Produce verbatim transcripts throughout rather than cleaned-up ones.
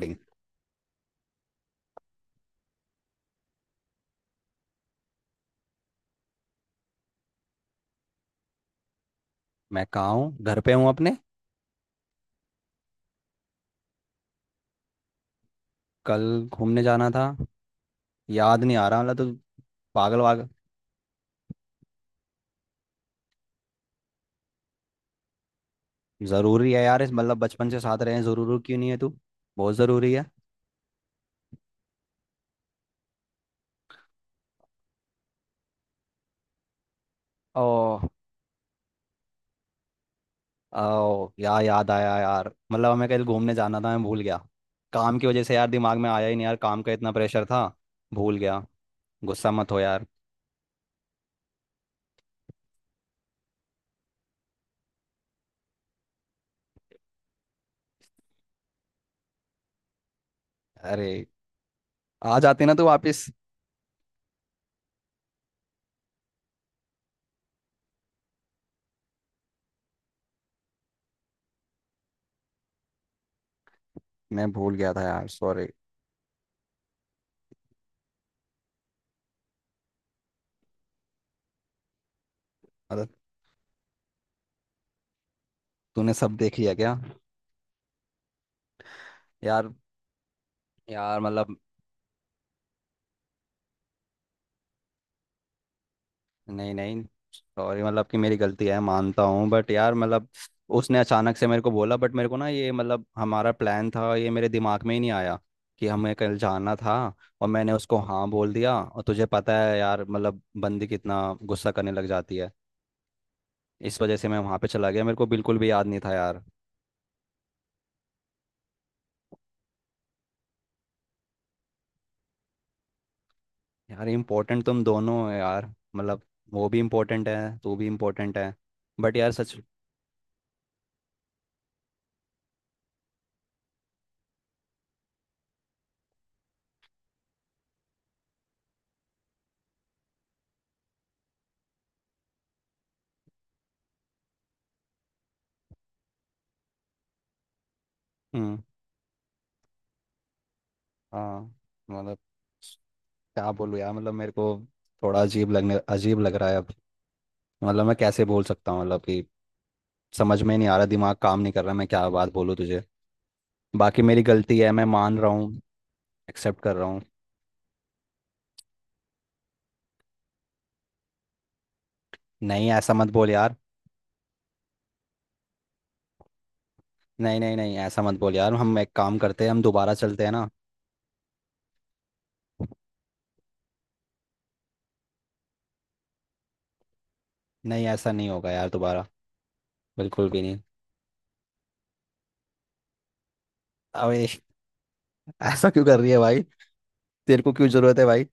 Recording. मैं कहाँ हूँ? घर पे हूँ अपने। कल घूमने जाना था। याद नहीं आ रहा मतलब तो। पागल वागल। जरूरी है यार, इस मतलब बचपन से साथ रहे हैं, जरूरी क्यों नहीं है तू? बहुत जरूरी है। ओ। ओ यार, याद आया यार, मतलब हमें कल घूमने जाना था, मैं भूल गया। काम की वजह से यार, दिमाग में आया ही नहीं यार, काम का इतना प्रेशर था। भूल गया। गुस्सा मत हो यार। अरे, आ जाते ना तू वापस। मैं भूल गया था यार, सॉरी। मतलब तूने सब देख लिया क्या? यार यार मतलब। नहीं नहीं, सॉरी, मतलब कि मेरी गलती है मानता हूँ, बट यार मतलब, उसने अचानक से मेरे को बोला, बट मेरे को ना ये मतलब हमारा प्लान था, ये मेरे दिमाग में ही नहीं आया कि हमें कल जाना था। और मैंने उसको हाँ बोल दिया। और तुझे पता है यार, मतलब बंदी कितना गुस्सा करने लग जाती है। इस वजह से मैं वहाँ पे चला गया, मेरे को बिल्कुल भी याद नहीं था यार। यार इम्पोर्टेंट तुम दोनों हो यार, मतलब वो भी इम्पोर्टेंट है, तू भी इम्पोर्टेंट है। बट यार सच। हम्म। हाँ। मतलब क्या बोलूं यार, मतलब मेरे को थोड़ा अजीब लगने अजीब लग रहा है अब। मतलब मैं कैसे बोल सकता हूँ, मतलब कि समझ में नहीं आ रहा, दिमाग काम नहीं कर रहा, मैं क्या बात बोलूँ तुझे। बाकी मेरी गलती है, मैं मान रहा हूँ, एक्सेप्ट कर रहा हूँ। नहीं, ऐसा मत बोल यार। नहीं नहीं नहीं, ऐसा मत बोल यार, हम एक काम करते हैं, हम दोबारा चलते हैं ना। नहीं, ऐसा नहीं होगा यार दोबारा, बिल्कुल भी नहीं। अबे, ऐसा क्यों कर रही है भाई? तेरे को क्यों जरूरत है भाई?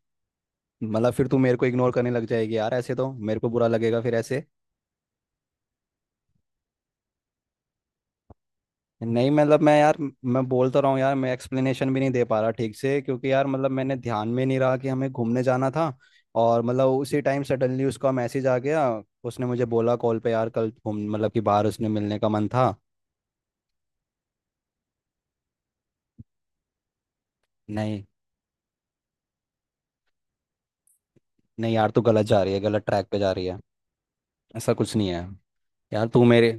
मतलब फिर तू मेरे को इग्नोर करने लग जाएगी यार, ऐसे तो मेरे को बुरा लगेगा फिर ऐसे। नहीं, मतलब मैं यार, मैं बोल तो रहा हूँ यार, मैं एक्सप्लेनेशन भी नहीं दे पा रहा ठीक से, क्योंकि यार मतलब मैंने ध्यान में नहीं रहा कि हमें घूमने जाना था। और मतलब उसी टाइम सडनली उसका मैसेज आ गया। उसने मुझे बोला कॉल पे यार, कल घूम मतलब कि बाहर उसने मिलने का मन था। नहीं नहीं यार, तू गलत जा रही है, गलत ट्रैक पे जा रही है। ऐसा कुछ नहीं है। यार तू मेरे।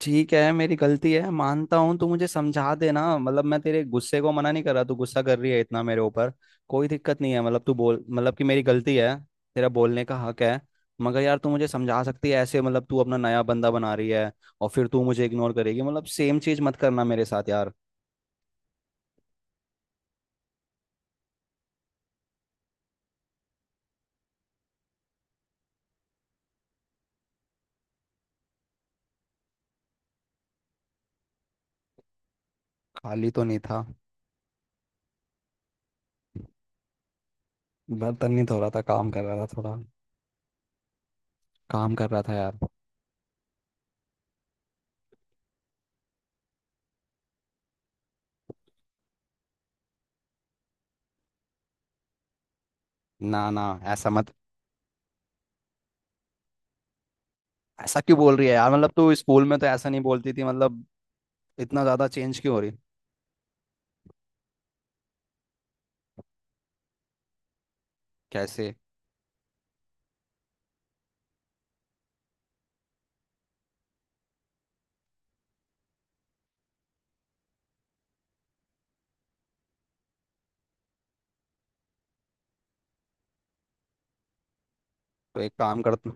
ठीक है, मेरी गलती है मानता हूँ, तू मुझे समझा देना, मतलब मैं तेरे गुस्से को मना नहीं कर रहा, तू गुस्सा कर रही है इतना मेरे ऊपर, कोई दिक्कत नहीं है, मतलब तू बोल मतलब कि मेरी गलती है, तेरा बोलने का हक है। मगर यार तू मुझे समझा सकती है ऐसे, मतलब तू अपना नया बंदा बना रही है, और फिर तू मुझे इग्नोर करेगी, मतलब सेम चीज मत करना मेरे साथ यार। खाली तो नहीं था। बर्तन नहीं धो रहा था, काम कर रहा था थोड़ा, काम कर रहा था यार। ना ना, ऐसा मत ऐसा क्यों बोल रही है यार? मतलब तू स्कूल में तो ऐसा नहीं बोलती थी, मतलब इतना ज्यादा चेंज क्यों हो रही? कैसे? तो एक काम करता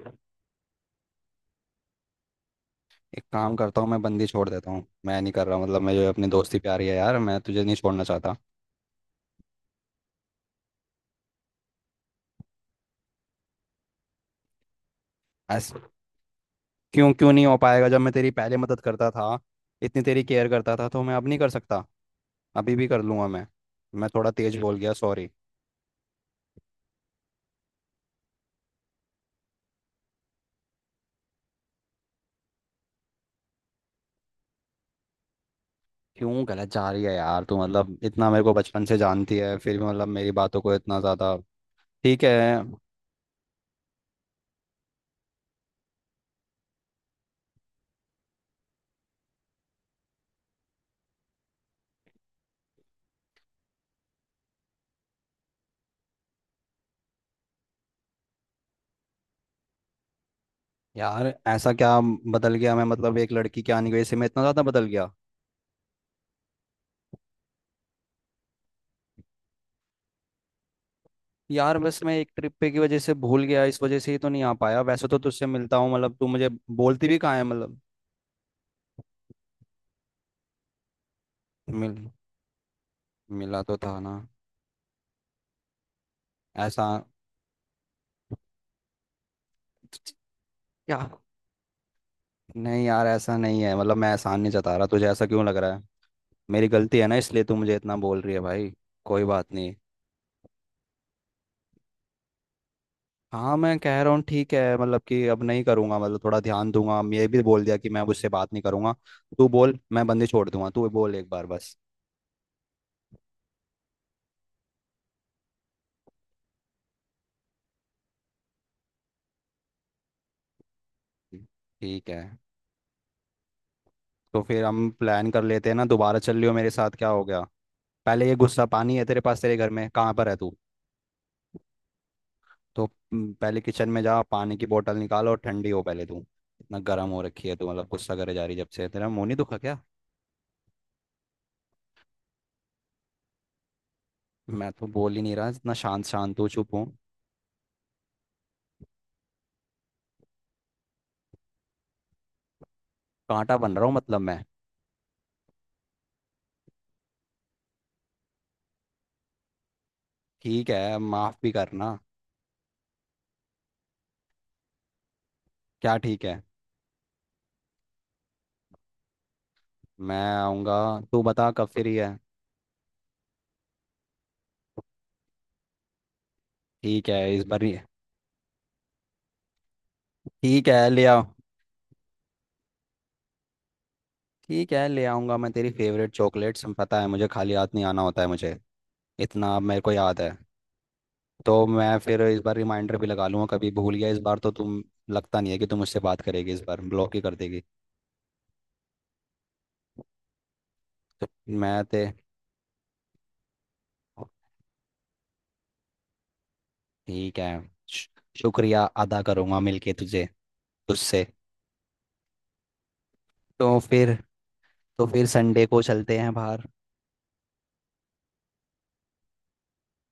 एक काम करता हूँ, मैं बंदी छोड़ देता हूँ, मैं नहीं कर रहा मतलब, मैं जो अपनी दोस्ती प्यारी है यार, मैं तुझे नहीं छोड़ना चाहता। ऐस क्यों क्यों नहीं हो पाएगा? जब मैं तेरी पहले मदद करता था, इतनी तेरी केयर करता था, तो मैं अब नहीं कर सकता? अभी भी कर लूंगा मैं। मैं थोड़ा तेज बोल गया, सॉरी। क्यों गलत जा रही है यार तू? मतलब इतना मेरे को बचपन से जानती है फिर भी, मतलब मेरी बातों को इतना ज़्यादा। ठीक है। यार ऐसा क्या बदल गया मैं? मतलब एक लड़की क्या नहीं गई इससे मैं इतना ज़्यादा बदल गया? यार बस मैं एक ट्रिप पे की वजह से भूल गया, इस वजह से ही तो नहीं आ पाया, वैसे तो तुझसे मिलता हूँ मतलब, तू मुझे बोलती भी कहाँ है मतलब? मिल मिला तो था ना। ऐसा क्या? नहीं यार, ऐसा नहीं है, मतलब मैं एहसान नहीं जता रहा तुझे, ऐसा क्यों लग रहा है? मेरी गलती है ना इसलिए तू मुझे इतना बोल रही है भाई, कोई बात नहीं। हाँ, मैं कह रहा हूँ ठीक है, मतलब कि अब नहीं करूँगा, मतलब थोड़ा ध्यान दूंगा, ये भी बोल दिया कि मैं अब उससे बात नहीं करूँगा। तू बोल मैं बंदी छोड़ दूंगा, तू बोल एक बार बस। ठीक है, तो फिर हम प्लान कर लेते हैं ना, दोबारा चल लियो मेरे साथ, क्या हो गया? पहले ये गुस्सा पानी है तेरे पास? तेरे घर में कहाँ पर है तू? तो हम्म, पहले किचन में जा, पानी की बोतल निकाल, और ठंडी हो पहले तू। इतना गर्म हो रखी है तू, मतलब गुस्सा करे जा रही जब से, तेरा मुंह नहीं दुखा क्या? मैं तो बोल ही नहीं रहा, इतना शांत शांत हूँ, चुप हूँ। कांटा बन रहा हूँ मतलब मैं। ठीक है, माफ भी करना। क्या ठीक है? मैं आऊँगा। तू बता कब फ्री है। ठीक है, इस बार ही- ठीक है, ले आओ। ठीक है, ले आऊँगा मैं तेरी फेवरेट चॉकलेट्स, पता है मुझे खाली हाथ नहीं आना होता है मुझे, इतना मेरे को याद है। तो मैं फिर इस बार रिमाइंडर भी लगा लूंगा, कभी भूल गया इस बार तो तुम, लगता नहीं है कि तुम मुझसे बात करेगी, इस बार ब्लॉक ही कर देगी। तो मैं ते ठीक है। शु- शुक्रिया अदा करूंगा मिलके तुझे, तुझसे। तो फिर तो फिर संडे को चलते हैं बाहर।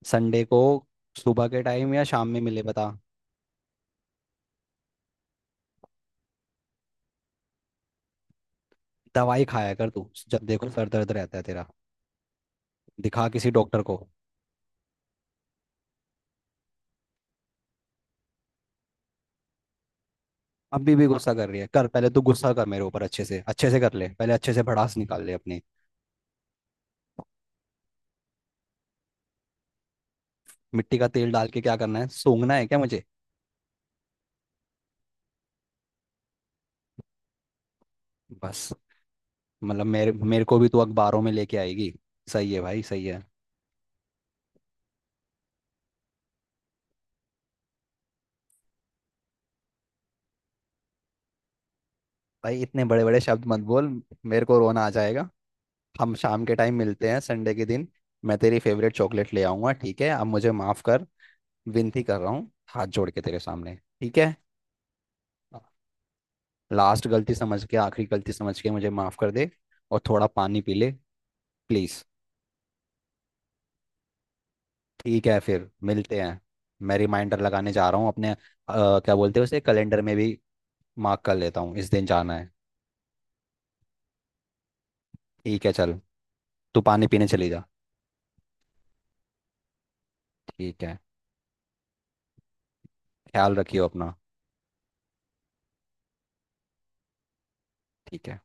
संडे को सुबह के टाइम या शाम में मिले बता। दवाई खाया कर तू, जब देखो सर दर्द रहता है तेरा, दिखा किसी डॉक्टर को। अभी भी गुस्सा कर रही है? कर, पहले तू गुस्सा कर मेरे ऊपर अच्छे से, अच्छे से कर ले पहले, अच्छे से भड़ास निकाल ले अपनी। मिट्टी का तेल डाल के क्या करना है? सूंघना है क्या मुझे? बस, मतलब मेरे मेरे को भी तू अखबारों में लेके आएगी? सही है भाई, सही है। भाई इतने बड़े बड़े शब्द मत बोल, मेरे को रोना आ जाएगा। हम शाम के टाइम मिलते हैं संडे के दिन। मैं तेरी फेवरेट चॉकलेट ले आऊंगा, ठीक है, अब मुझे माफ कर। विनती कर रहा हूँ, हाथ जोड़ के तेरे सामने। ठीक है, लास्ट गलती समझ के, आखिरी गलती समझ के मुझे माफ कर दे। और थोड़ा पानी पी ले, प्लीज। ठीक है, फिर मिलते हैं। मैं रिमाइंडर लगाने जा रहा हूँ अपने अ, क्या बोलते हैं उसे, कैलेंडर में भी मार्क कर लेता हूँ इस दिन जाना है। ठीक है, चल, तू पानी पीने चली जा। ठीक है। ख्याल रखियो अपना। ठीक है।